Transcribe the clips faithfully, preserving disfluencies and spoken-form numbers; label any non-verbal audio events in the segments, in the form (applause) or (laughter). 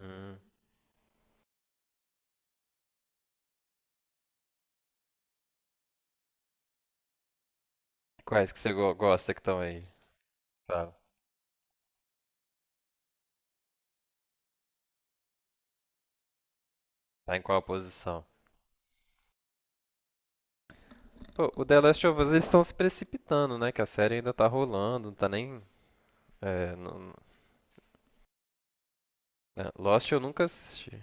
Hum. Quais que você go- gosta que estão aí? Fala. Tá em qual posição? Pô, o The Last of Us eles estão se precipitando, né? Que a série ainda tá rolando, não tá nem. É, não- não- É, Lost eu nunca assisti.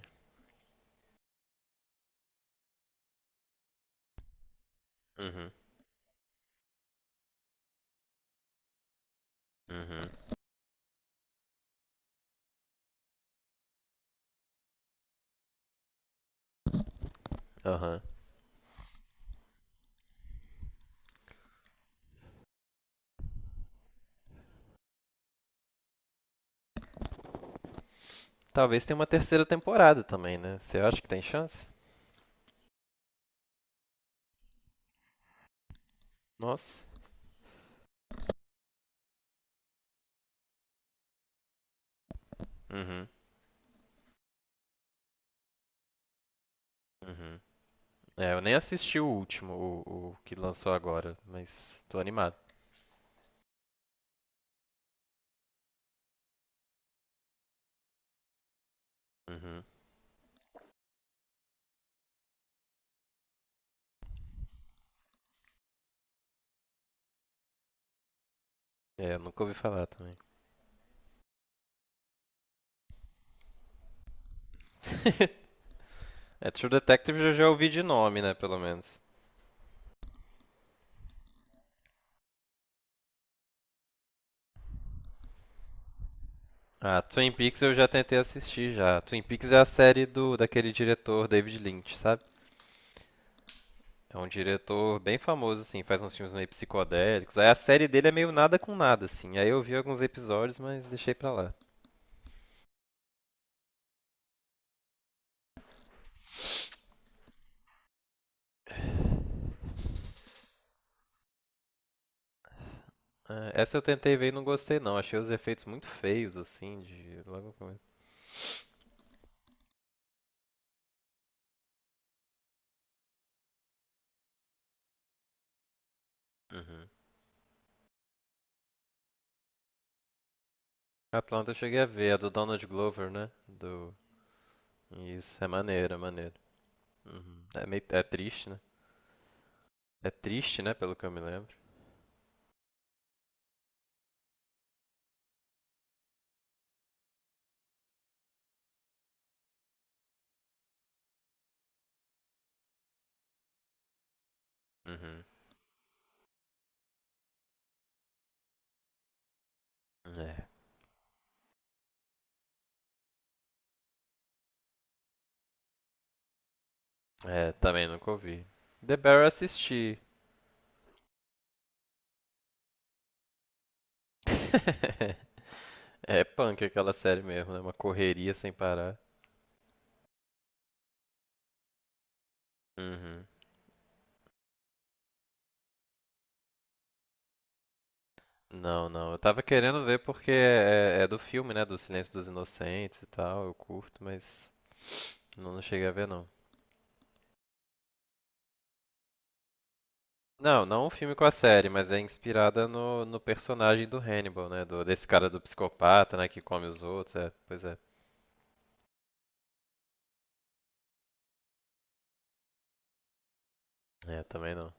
Uhum. Uhum. Aham. Talvez tenha uma terceira temporada também, né? Você acha que tem chance? Nossa. Uhum. Uhum. É, eu nem assisti o último, o, o que lançou agora, mas tô animado. Uhum. É, eu nunca ouvi falar também. (laughs) É, True Detective eu já ouvi de nome, né? Pelo menos. Ah, Twin Peaks eu já tentei assistir já. Twin Peaks é a série do daquele diretor David Lynch, sabe? É um diretor bem famoso assim, faz uns filmes meio psicodélicos. Aí a série dele é meio nada com nada assim. Aí eu vi alguns episódios, mas deixei pra lá. Ah, essa eu tentei ver e não gostei não. Achei os efeitos muito feios assim de logo no começo. Uhum. Atlanta eu cheguei a ver, a do Donald Glover, né? Do Isso, é maneiro, é maneiro. Uhum. É meio é triste, né? É triste, né, pelo que eu me lembro. Uhum. É, é, também nunca ouvi. The Bear eu assisti. (laughs) É punk aquela série mesmo, né? Uma correria sem parar. Uhum. Não, não. Eu tava querendo ver porque é, é é do filme, né? Do Silêncio dos Inocentes e tal. Eu curto, mas não, não cheguei a ver, não. Não, não um filme com a série, mas é inspirada no, no personagem do Hannibal, né? Do, desse cara do psicopata, né? Que come os outros. É, pois é. É, também não.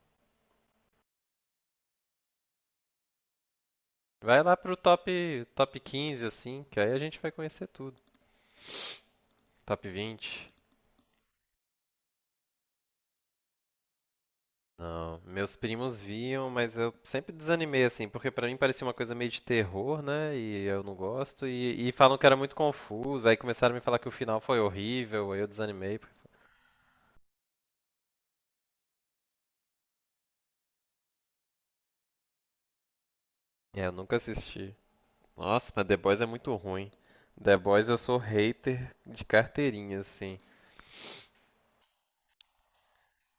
Vai lá pro top, top quinze assim, que aí a gente vai conhecer tudo. Top vinte? Não. Meus primos viam, mas eu sempre desanimei, assim, porque pra mim parecia uma coisa meio de terror, né? E eu não gosto. E, e falam que era muito confuso. Aí começaram a me falar que o final foi horrível. Aí eu desanimei. É, eu nunca assisti. Nossa, mas The Boys é muito ruim. The Boys eu sou hater de carteirinha, assim.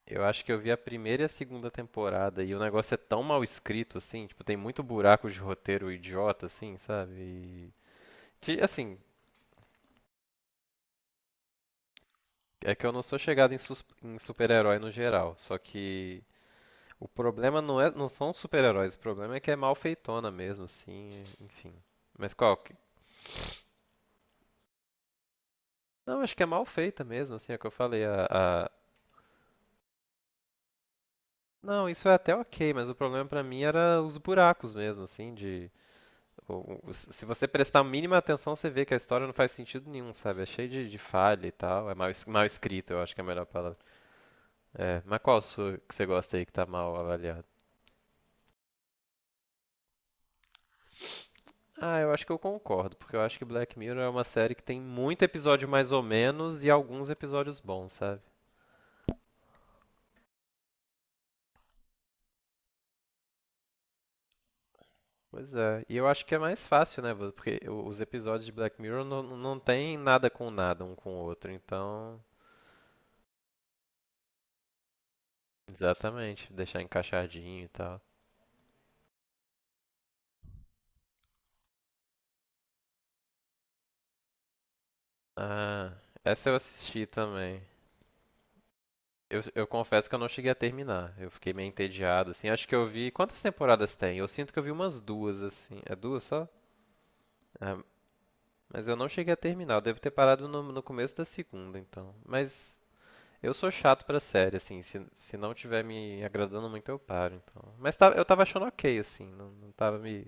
Eu acho que eu vi a primeira e a segunda temporada e o negócio é tão mal escrito, assim, tipo, tem muito buraco de roteiro idiota, assim, sabe? E, que, assim, é que eu não sou chegado em, sus- em super-herói no geral, só que o problema não é, não são os super-heróis, o problema é que é mal feitona mesmo, assim, enfim. Mas qual que... Não, acho que é mal feita mesmo, assim, é o que eu falei, a, a- não, isso é até ok, mas o problema pra mim era os buracos mesmo, assim, de... o- o- se você prestar a mínima atenção, você vê que a história não faz sentido nenhum, sabe? É cheio de, de falha e tal, é mal, es- mal escrito, eu acho que é a melhor palavra. É, mas qual a sua que você gosta aí que tá mal avaliada? Ah, eu acho que eu concordo, porque eu acho que Black Mirror é uma série que tem muito episódio mais ou menos e alguns episódios bons, sabe? Pois é, e eu acho que é mais fácil, né? vo- Porque o- os episódios de Black Mirror não, não tem nada com nada um com o outro, então. Exatamente, deixar encaixadinho e tal. Ah, essa eu assisti também. Eu, eu confesso que eu não cheguei a terminar, eu fiquei meio entediado, assim. Acho que eu vi. Quantas temporadas tem? Eu sinto que eu vi umas duas, assim. É duas só? Ah, mas eu não cheguei a terminar. Eu devo ter parado no, no começo da segunda, então. Mas eu sou chato pra série, assim. Se, se não tiver me agradando muito, eu paro, então. Mas tá- eu tava achando ok, assim. Não, não tava me.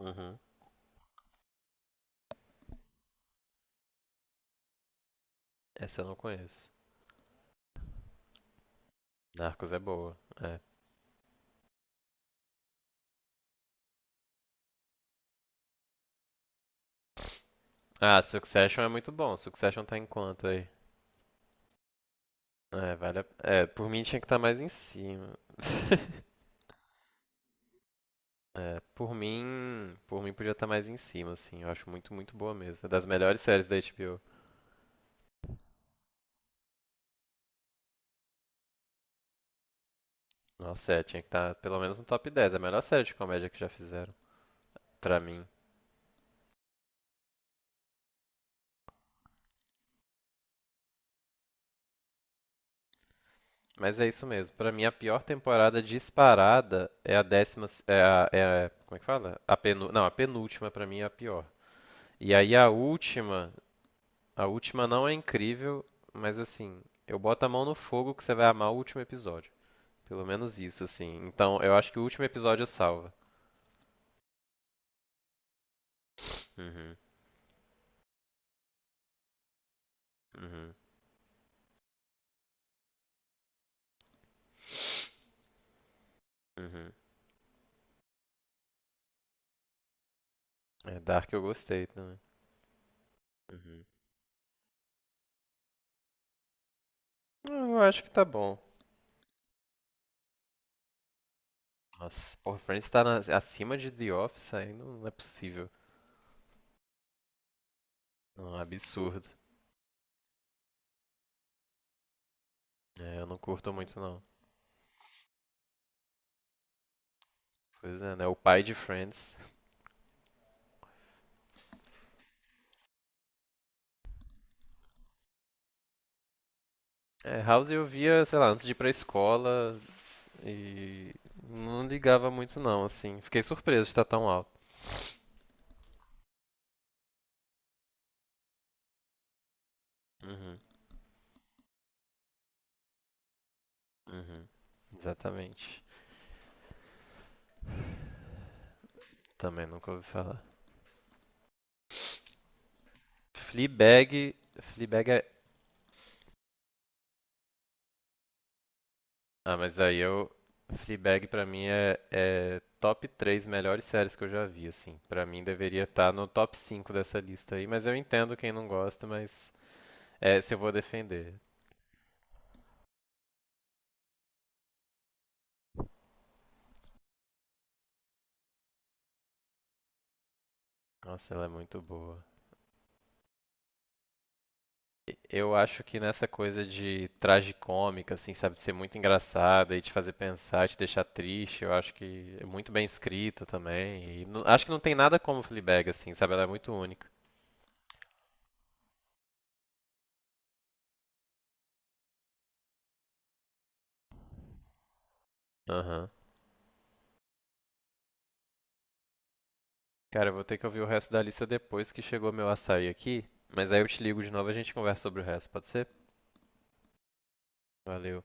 Uhum. Essa eu não conheço. Narcos é boa. É. Ah, Succession é muito bom. Succession tá em quanto aí? É, vale a... É, por mim tinha que estar mais em cima. (laughs) É, por mim. Por mim podia estar mais em cima, assim. Eu acho muito, muito boa mesmo. É das melhores séries da H B O. Nossa, é, tinha que estar pelo menos no top dez. É a melhor série de comédia que já fizeram, pra mim. Mas é isso mesmo. Pra mim, a pior temporada disparada é a décima. É a, é a- como é que fala? A penu, não, a penúltima pra mim é a pior. E aí a última. A última não é incrível, mas assim, eu boto a mão no fogo que você vai amar o último episódio. Pelo menos isso, assim. Então, eu acho que o último episódio salva. Uhum, uhum, uhum. É, Dark eu gostei também. Uhum. Ah, eu acho que tá bom. Nossa, porra, Friends tá na- acima de The Office aí não, não é possível. Não, é um absurdo. É, eu não curto muito não. Pois é, né? O pai de Friends. É, House eu via, sei lá, antes de ir pra escola e não ligava muito não, assim. Fiquei surpreso de estar tão alto. Uhum, uhum. Exatamente. Também nunca ouvi falar. Fleabag, Fleabag é Ah, mas aí eu. Fleabag pra mim é, é top três melhores séries que eu já vi, assim. Pra mim deveria estar no top cinco dessa lista aí, mas eu entendo quem não gosta, mas é se eu vou defender. Nossa, ela é muito boa. E- Eu acho que nessa coisa de tragicômica, assim, sabe, de ser muito engraçada e te fazer pensar, te deixar triste, eu acho que é muito bem escrita também. E não- acho que não tem nada como Fleabag, assim, sabe, ela é muito única. Aham. Cara, eu vou ter que ouvir o resto da lista depois que chegou meu açaí aqui, mas aí eu te ligo de novo e a gente conversa sobre o resto, pode ser? Valeu.